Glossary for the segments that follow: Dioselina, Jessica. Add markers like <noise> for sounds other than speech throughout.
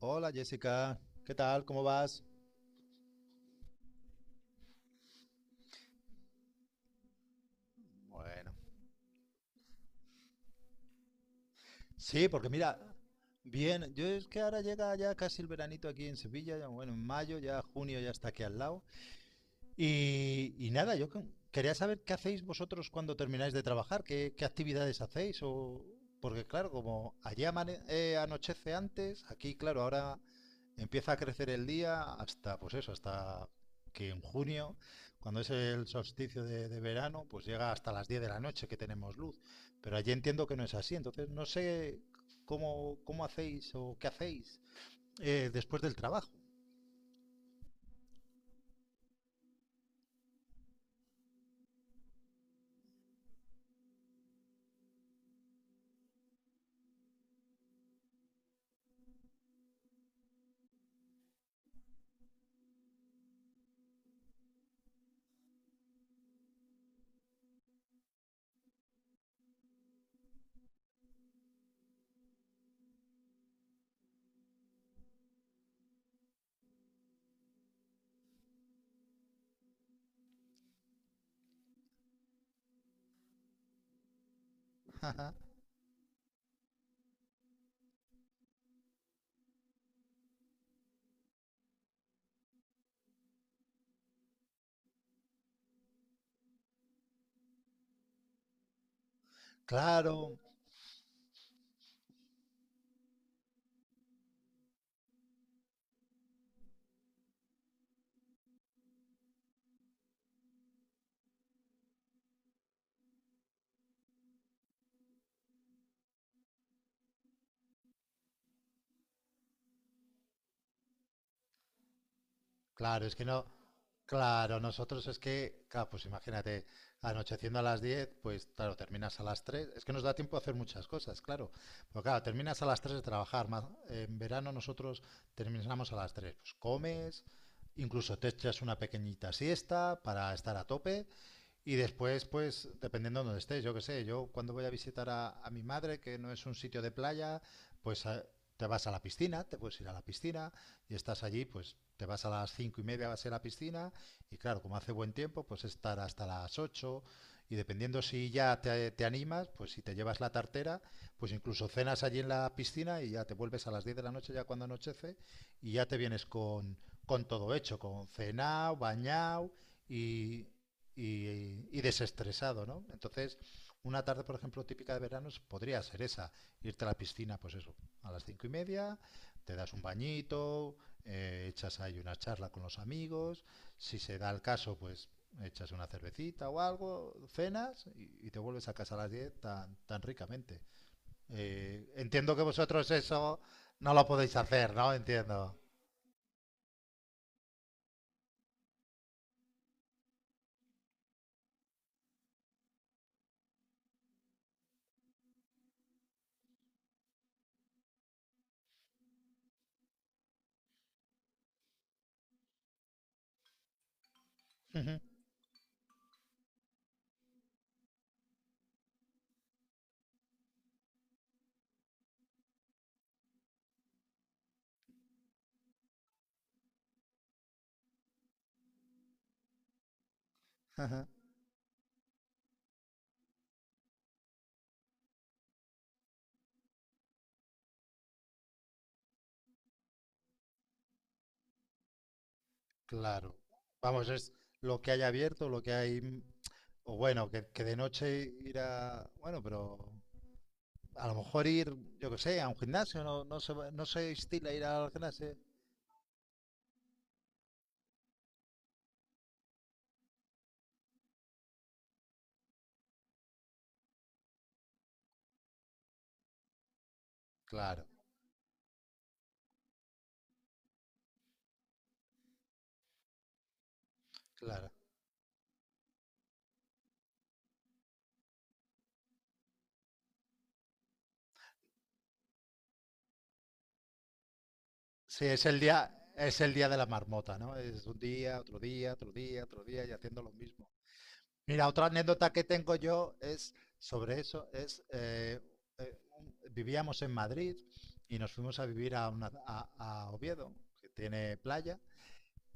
Hola Jessica, ¿qué tal? ¿Cómo vas? Bueno, sí, porque mira, bien, yo es que ahora llega ya casi el veranito aquí en Sevilla, ya, bueno, en mayo, ya junio ya está aquí al lado. Y nada, quería saber qué hacéis vosotros cuando termináis de trabajar, qué actividades hacéis. O porque claro, como allí anochece antes, aquí claro, ahora empieza a crecer el día hasta, pues eso, hasta que en junio, cuando es el solsticio de verano, pues llega hasta las 10 de la noche que tenemos luz. Pero allí entiendo que no es así, entonces no sé cómo hacéis o qué hacéis después del trabajo. <laughs> Claro, claro, es que no, claro, nosotros es que, claro, pues imagínate, anocheciendo a las 10, pues claro, terminas a las 3, es que nos da tiempo a hacer muchas cosas, claro, pero claro, terminas a las 3 de trabajar. Más, en verano nosotros terminamos a las 3, pues comes, incluso te echas una pequeñita siesta para estar a tope y después, pues, dependiendo de donde estés, yo qué sé, yo cuando voy a visitar a mi madre, que no es un sitio de playa, pues te vas a la piscina, te puedes ir a la piscina y estás allí, pues te vas a las 5:30, vas a ir a la piscina y claro, como hace buen tiempo, pues estar hasta las 8 y dependiendo si ya te animas, pues si te llevas la tartera, pues incluso cenas allí en la piscina y ya te vuelves a las 10 de la noche ya cuando anochece y ya te vienes con todo hecho, con cenao, bañao y, y desestresado, ¿no? Entonces, una tarde, por ejemplo, típica de veranos podría ser esa, irte a la piscina, pues eso, a las 5:30, te das un bañito, echas ahí una charla con los amigos, si se da el caso, pues echas una cervecita o algo, cenas y te vuelves a casa a las 10 tan, tan ricamente. Entiendo que vosotros eso no lo podéis hacer, ¿no? Entiendo. <laughs> Claro. Vamos, es lo que hay abierto, lo que hay. O bueno, que de noche ir a... Bueno, pero a lo mejor ir, yo que sé, a un gimnasio, no, no se, no se estila ir al gimnasio. Claro, claro. Sí, es el día de la marmota, ¿no? Es un día, otro día, otro día, otro día y haciendo lo mismo. Mira, otra anécdota que tengo yo es sobre eso, es vivíamos en Madrid y nos fuimos a vivir a Oviedo, que tiene playa.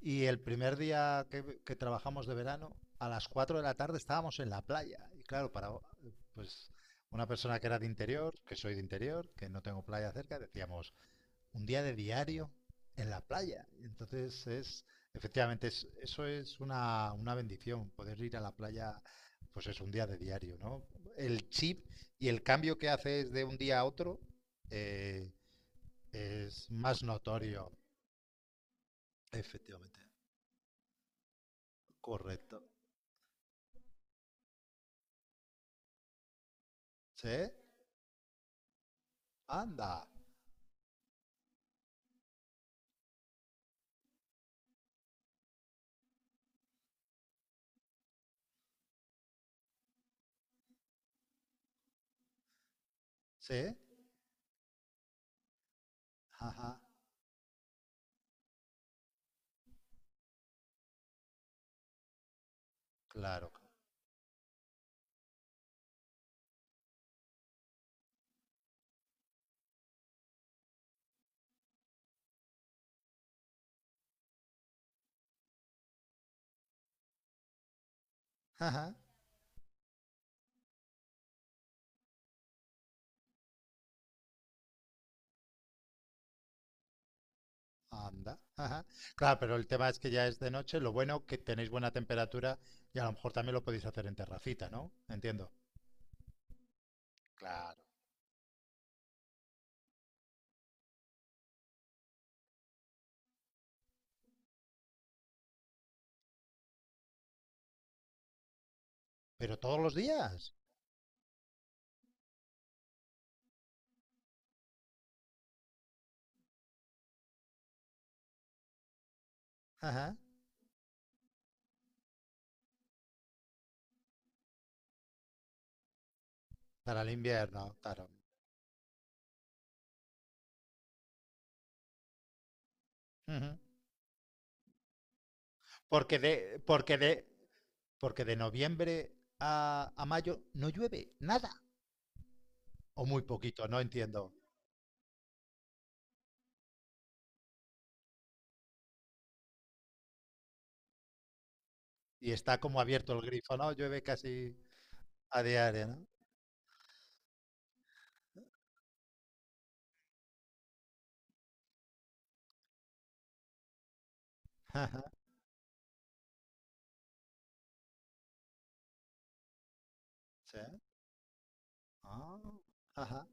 Y el primer día que trabajamos de verano, a las 4 de la tarde estábamos en la playa. Y claro, para pues una persona que era de interior, que soy de interior, que no tengo playa cerca, decíamos, un día de diario en la playa. Y entonces es, efectivamente, eso es una bendición, poder ir a la playa, pues es un día de diario, ¿no? El chip y el cambio que haces de un día a otro eh, es más notorio. Efectivamente, correcto. ¿Sí? Anda. ¿Sí? Ajá. Claro. Ajá. Anda. Ajá. Claro, pero el tema es que ya es de noche. Lo bueno que tenéis buena temperatura y a lo mejor también lo podéis hacer en terracita, ¿no? Entiendo. Claro. Pero todos los días. Ajá. Para el invierno, claro. Ujú. Porque de, porque de, porque de noviembre a mayo no llueve nada. O muy poquito, no entiendo. Y está como abierto el grifo, ¿no? Llueve casi a diario, ¿no? Ajá. Sí. Ah, ajá,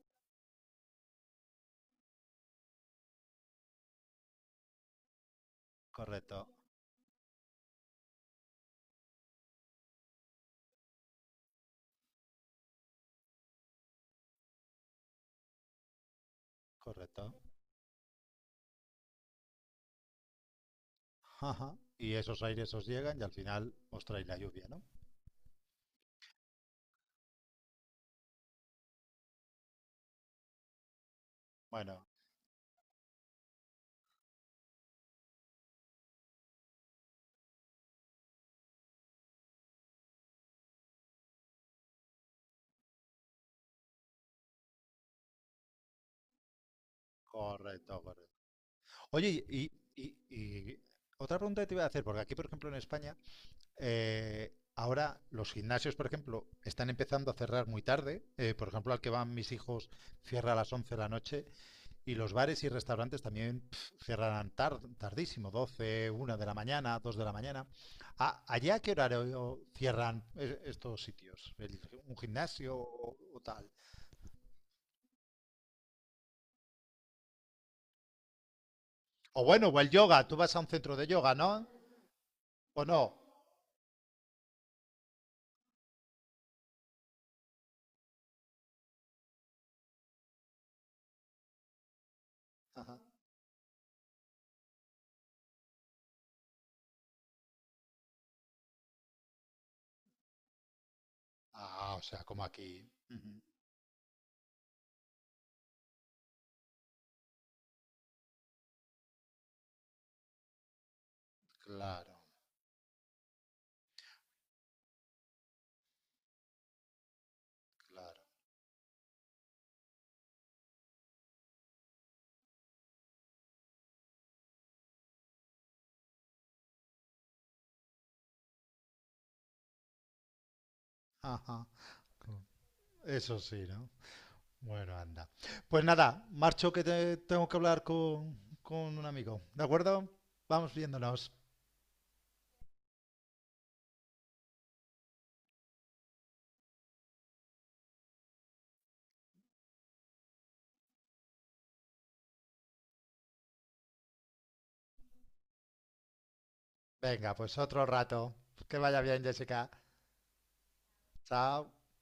correcto, correcto. Ajá. Y esos aires os llegan y al final os trae la lluvia, ¿no? Bueno, correcto, correcto. Oye, y otra pregunta que te iba a hacer, porque aquí, por ejemplo, en España, ahora los gimnasios, por ejemplo, están empezando a cerrar muy tarde. Por ejemplo, al que van mis hijos cierra a las 11 de la noche. Y los bares y restaurantes también pf, cerrarán tardísimo, 12, 1 de la mañana, 2 de la mañana. ¿Allá qué horario cierran estos sitios? ¿El Un gimnasio o tal? O bueno, o el yoga, tú vas a un centro de yoga, ¿no? ¿O no? Ajá. Ah, o sea, como aquí. Ujú. Claro, claro. Ajá. Eso sí, ¿no? Bueno, anda. Pues nada, marcho que tengo que hablar con un amigo, ¿de acuerdo? Vamos viéndonos. Venga, pues otro rato. Que vaya bien, Jessica. Chao.